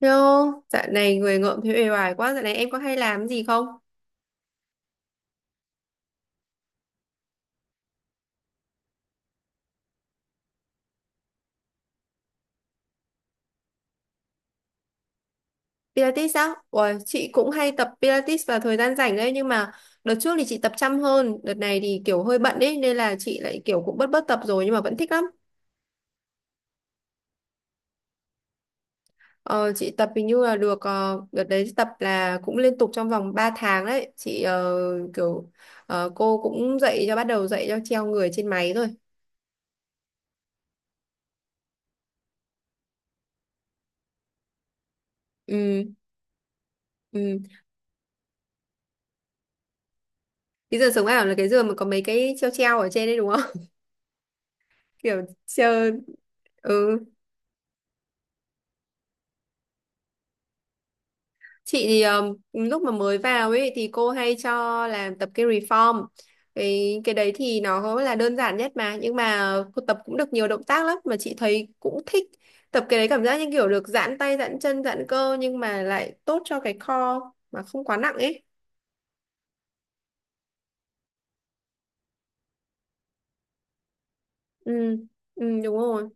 Yo, dạo này người ngợm thấy uể oải quá, dạo này em có hay làm gì không? Pilates á? Ủa, chị cũng hay tập Pilates vào thời gian rảnh đấy, nhưng mà đợt trước thì chị tập chăm hơn, đợt này thì kiểu hơi bận ấy, nên là chị lại kiểu cũng bớt bớt tập rồi nhưng mà vẫn thích lắm. Ờ, chị tập hình như là được, đợt đấy tập là cũng liên tục trong vòng 3 tháng đấy, chị kiểu cô cũng dạy cho bắt đầu dạy cho treo người trên máy rồi. Ừ, ừ. Cái giường sống ảo là cái giường mà có mấy cái treo treo ở trên đấy đúng không? Kiểu treo, ừ. Chị thì lúc mà mới vào ấy thì cô hay cho làm tập cái reform. Cái đấy thì nó là đơn giản nhất mà nhưng mà cô tập cũng được nhiều động tác lắm mà chị thấy cũng thích. Tập cái đấy cảm giác như kiểu được giãn tay, giãn chân, giãn cơ nhưng mà lại tốt cho cái core mà không quá nặng ấy. Ừ, ừ đúng rồi.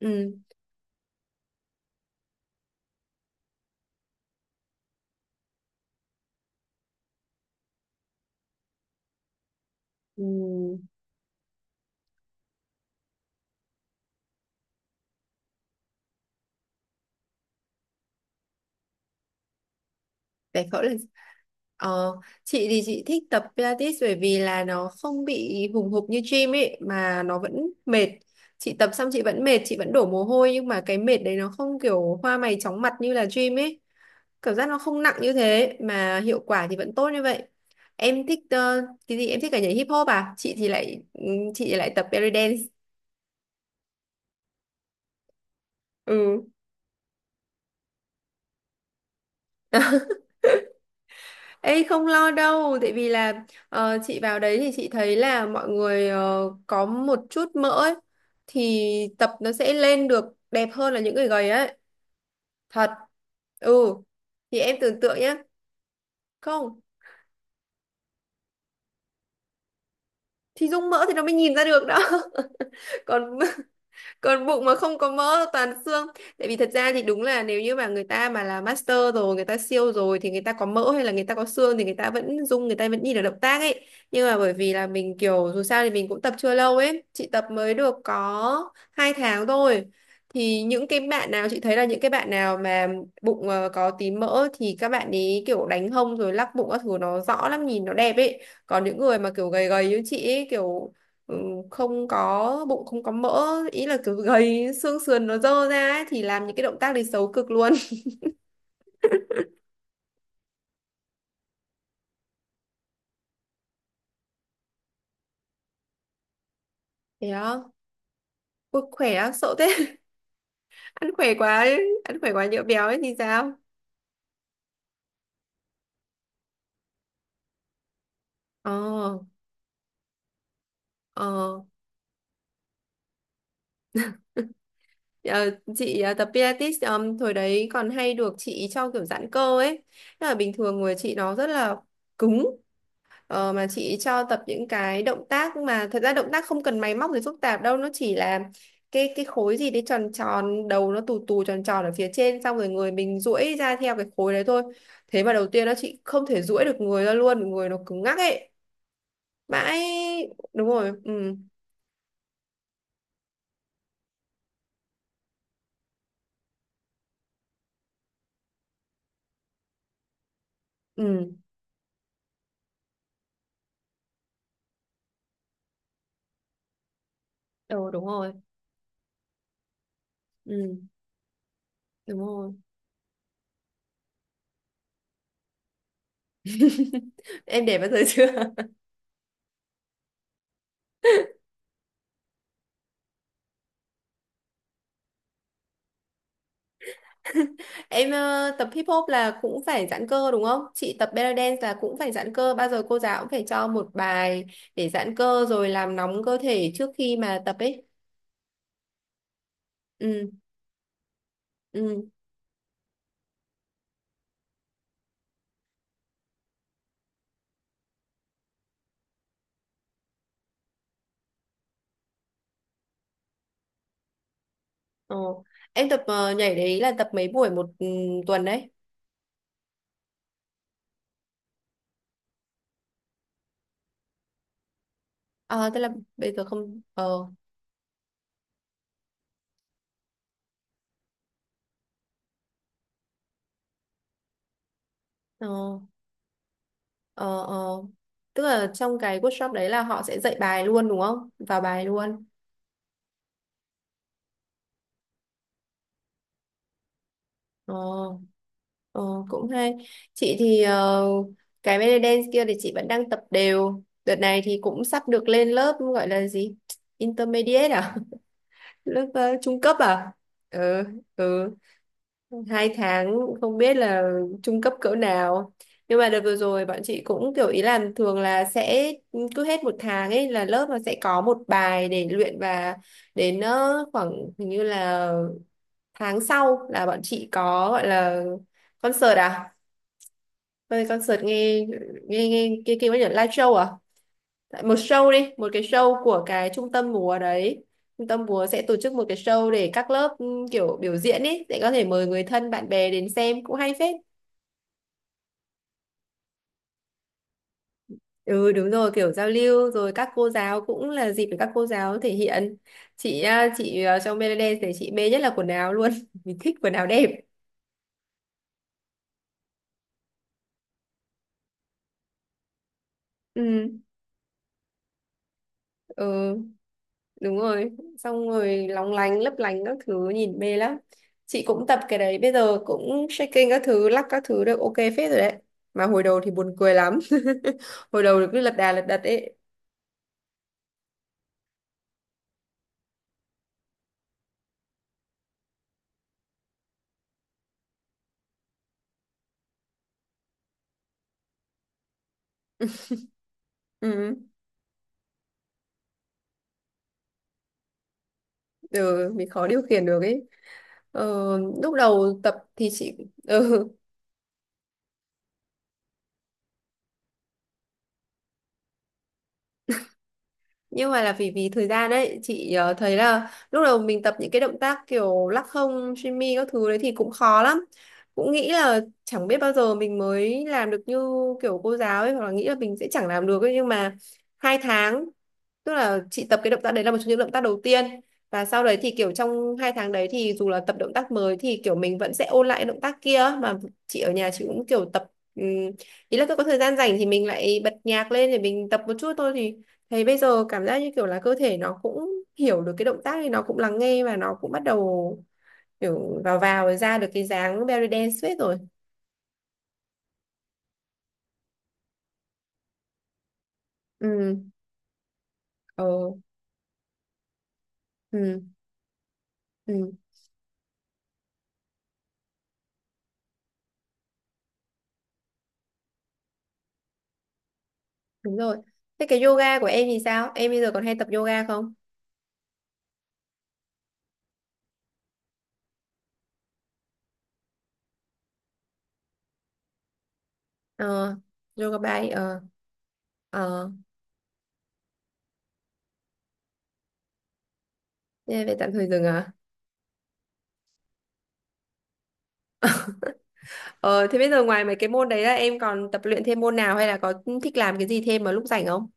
Ừ. Ừ. Giải phẫu là ờ, chị thì chị thích tập Pilates bởi vì là nó không bị hùng hục như gym ấy mà nó vẫn mệt, chị tập xong chị vẫn mệt chị vẫn đổ mồ hôi nhưng mà cái mệt đấy nó không kiểu hoa mày chóng mặt như là gym ấy. Cảm giác nó không nặng như thế mà hiệu quả thì vẫn tốt như vậy. Em thích cái gì em thích cả nhảy hip hop à, chị thì lại chị thì lại tập belly dance. Ừ. Ê không lo đâu, tại vì là chị vào đấy thì chị thấy là mọi người có một chút mỡ ấy, thì tập nó sẽ lên được đẹp hơn là những người gầy ấy. Thật. Ừ. Thì em tưởng tượng nhá. Không, thì dung mỡ thì nó mới nhìn ra được đó. Còn còn bụng mà không có mỡ toàn xương, tại vì thật ra thì đúng là nếu như mà người ta mà là master rồi người ta siêu rồi thì người ta có mỡ hay là người ta có xương thì người ta vẫn dung người ta vẫn nhìn được động tác ấy. Nhưng mà bởi vì là mình kiểu dù sao thì mình cũng tập chưa lâu ấy, chị tập mới được có 2 tháng thôi. Thì những cái bạn nào chị thấy là những cái bạn nào mà bụng có tí mỡ thì các bạn ấy kiểu đánh hông rồi lắc bụng các thứ nó rõ lắm nhìn nó đẹp ấy. Còn những người mà kiểu gầy gầy như chị ấy kiểu ừ, không có bụng không có mỡ ý là kiểu gầy xương sườn nó dơ ra ấy, thì làm những cái động tác đấy xấu cực luôn. Thế á. Ui, khỏe á sợ thế. Ăn khỏe quá ấy. Ăn khỏe quá nhỡ béo ấy thì sao? Ờ. Ờ. Ờ, chị tập Pilates thời đấy còn hay được chị cho kiểu giãn cơ ấy. Tức là bình thường người chị nó rất là cứng. Ờ, mà chị cho tập những cái động tác mà thật ra động tác không cần máy móc gì phức tạp đâu, nó chỉ là cái khối gì đấy tròn tròn đầu nó tù tù tròn tròn ở phía trên, xong rồi người mình duỗi ra theo cái khối đấy thôi. Thế mà đầu tiên nó chị không thể duỗi được người ra luôn, người nó cứng ngắc ấy mãi. Đúng rồi ừ. Ừ. Ừ đúng rồi. Ừ đúng rồi. Em để bao giờ chưa? Em tập hip hop là cũng phải giãn cơ đúng không? Chị tập belly dance là cũng phải giãn cơ. Bao giờ cô giáo cũng phải cho một bài để giãn cơ rồi làm nóng cơ thể trước khi mà tập ấy. Ừ, ừ. Ồ. Em tập nhảy đấy là tập mấy buổi một tuần đấy? Ờ, tức là bây giờ không. Ờ, ờ, ờ, ờ. Tức là trong cái workshop đấy là họ sẽ dạy bài luôn đúng không? Vào bài luôn. Ờ. Ờ, cũng hay. Chị thì cái belly dance kia thì chị vẫn đang tập đều. Đợt này thì cũng sắp được lên lớp gọi là gì? Intermediate à? Lớp trung cấp à? Ừ, ừ. 2 tháng không biết là trung cấp cỡ nào. Nhưng mà đợt vừa rồi bọn chị cũng kiểu ý là thường là sẽ cứ hết một tháng ấy là lớp nó sẽ có một bài để luyện và đến khoảng hình như là tháng sau là bọn chị có gọi là concert à? Bây giờ concert nghe nghe nghe cái kiểu như là live show à? Tại một show đi, một cái show của cái trung tâm múa đấy. Trung tâm múa sẽ tổ chức một cái show để các lớp kiểu biểu diễn ấy, để có thể mời người thân bạn bè đến xem cũng hay phết. Ừ đúng rồi, kiểu giao lưu rồi các cô giáo cũng là dịp để các cô giáo thể hiện. Chị à, trong Melody thì chị mê nhất là quần áo luôn. Mình thích quần áo đẹp. Ừ, ừ đúng rồi, xong rồi lóng lánh lấp lánh các thứ nhìn mê lắm. Chị cũng tập cái đấy bây giờ cũng shaking các thứ lắc các thứ được ok phết rồi đấy. Mà hồi đầu thì buồn cười lắm. Hồi đầu cứ lật đà lật đật ấy. Ừ, ừ mình khó điều khiển được ấy. ờ, Lúc đầu tập thì chị ừ, nhưng mà là vì vì thời gian đấy chị thấy là lúc đầu mình tập những cái động tác kiểu lắc hông shimmy mi các thứ đấy thì cũng khó lắm, cũng nghĩ là chẳng biết bao giờ mình mới làm được như kiểu cô giáo ấy hoặc là nghĩ là mình sẽ chẳng làm được ấy. Nhưng mà 2 tháng, tức là chị tập cái động tác đấy là một trong những động tác đầu tiên và sau đấy thì kiểu trong 2 tháng đấy thì dù là tập động tác mới thì kiểu mình vẫn sẽ ôn lại cái động tác kia mà. Chị ở nhà chị cũng kiểu tập ý là cứ có thời gian rảnh thì mình lại bật nhạc lên để mình tập một chút thôi. Thì thấy bây giờ cảm giác như kiểu là cơ thể nó cũng hiểu được cái động tác thì nó cũng lắng nghe và nó cũng bắt đầu kiểu vào vào rồi ra được cái dáng belly dance suýt rồi. Ừ, ờ, ừ, ừ, đúng rồi. Thế cái yoga của em thì sao? Em bây giờ còn hay tập yoga không? Ờ, yoga bay, ờ, ờ, thế về tạm thời dừng à? Ờ, thế bây giờ ngoài mấy cái môn đấy là em còn tập luyện thêm môn nào hay là có thích làm cái gì thêm vào lúc rảnh không?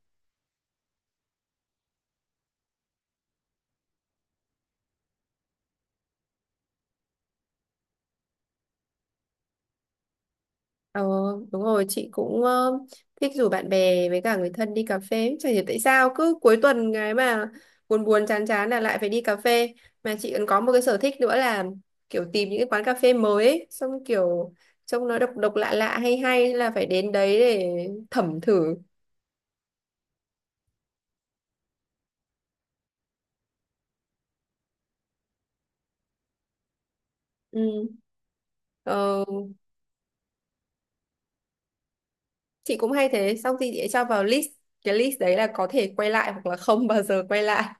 Ờ, đúng rồi, chị cũng thích rủ bạn bè với cả người thân đi cà phê. Chả hiểu tại sao cứ cuối tuần cái mà buồn buồn chán chán là lại phải đi cà phê. Mà chị còn có một cái sở thích nữa là kiểu tìm những cái quán cà phê mới ấy, xong kiểu trông nó độc độc lạ lạ hay hay là phải đến đấy để thẩm thử. Ừ. Ờ, chị cũng hay thế, xong thì chị sẽ cho vào list. Cái list đấy là có thể quay lại hoặc là không bao giờ quay lại.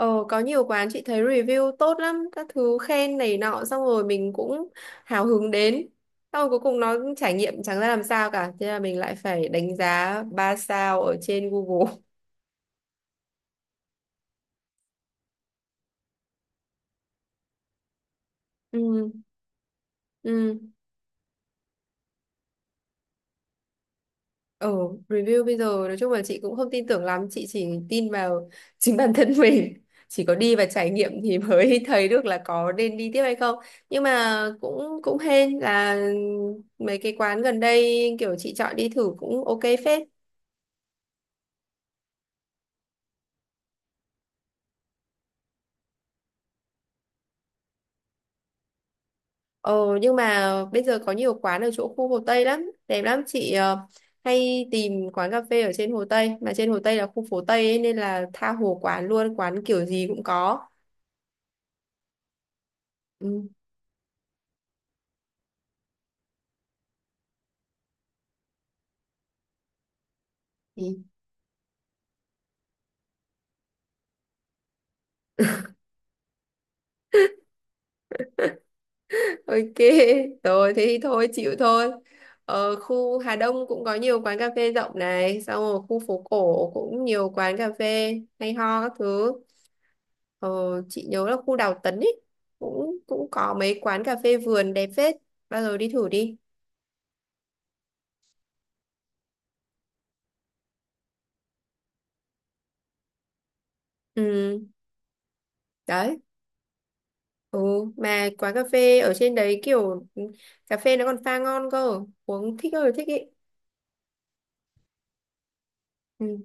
Ờ, có nhiều quán chị thấy review tốt lắm, các thứ khen này nọ xong rồi mình cũng hào hứng đến. Xong rồi cuối cùng nó trải nghiệm chẳng ra làm sao cả, thế là mình lại phải đánh giá 3 sao ở trên Google. Ừ, ừ. Ờ, review bây giờ nói chung là chị cũng không tin tưởng lắm, chị chỉ tin vào chính bản thân mình. Chỉ có đi và trải nghiệm thì mới thấy được là có nên đi tiếp hay không. Nhưng mà cũng cũng hên là mấy cái quán gần đây kiểu chị chọn đi thử cũng ok phết. Ờ nhưng mà bây giờ có nhiều quán ở chỗ khu Hồ Tây lắm, đẹp lắm chị hay tìm quán cà phê ở trên Hồ Tây, mà trên Hồ Tây là khu phố Tây ấy, nên là tha hồ quán luôn, quán kiểu gì cũng có. Ừ. Thì ok, rồi thế thì thôi chịu thôi. Ở khu Hà Đông cũng có nhiều quán cà phê rộng này, xong rồi khu phố cổ cũng nhiều quán cà phê hay ho các thứ. Ờ, chị nhớ là khu Đào Tấn ấy cũng cũng có mấy quán cà phê vườn đẹp phết, bao giờ đi thử đi. Ừ, đấy. Ừ, mà quán cà phê ở trên đấy kiểu cà phê nó còn pha ngon cơ, uống thích ơi là thích ý. Ừ,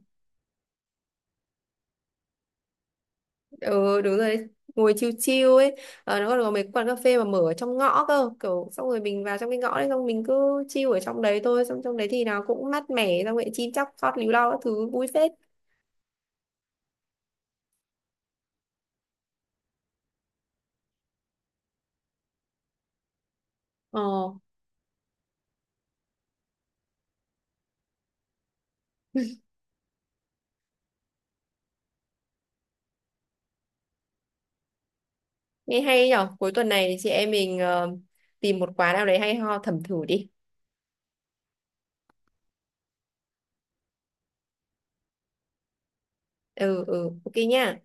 ừ đúng rồi, đấy. Ngồi chill chill ấy, nó còn có mấy quán cà phê mà mở ở trong ngõ cơ, kiểu xong rồi mình vào trong cái ngõ đấy xong mình cứ chill ở trong đấy thôi, xong trong đấy thì nó cũng mát mẻ, xong rồi chim chóc hót líu lo các thứ vui phết. Ờ, nghe hay nhở, cuối tuần này chị em mình tìm một quán nào đấy hay ho thẩm thử đi. Ừ, ừ, ok nha.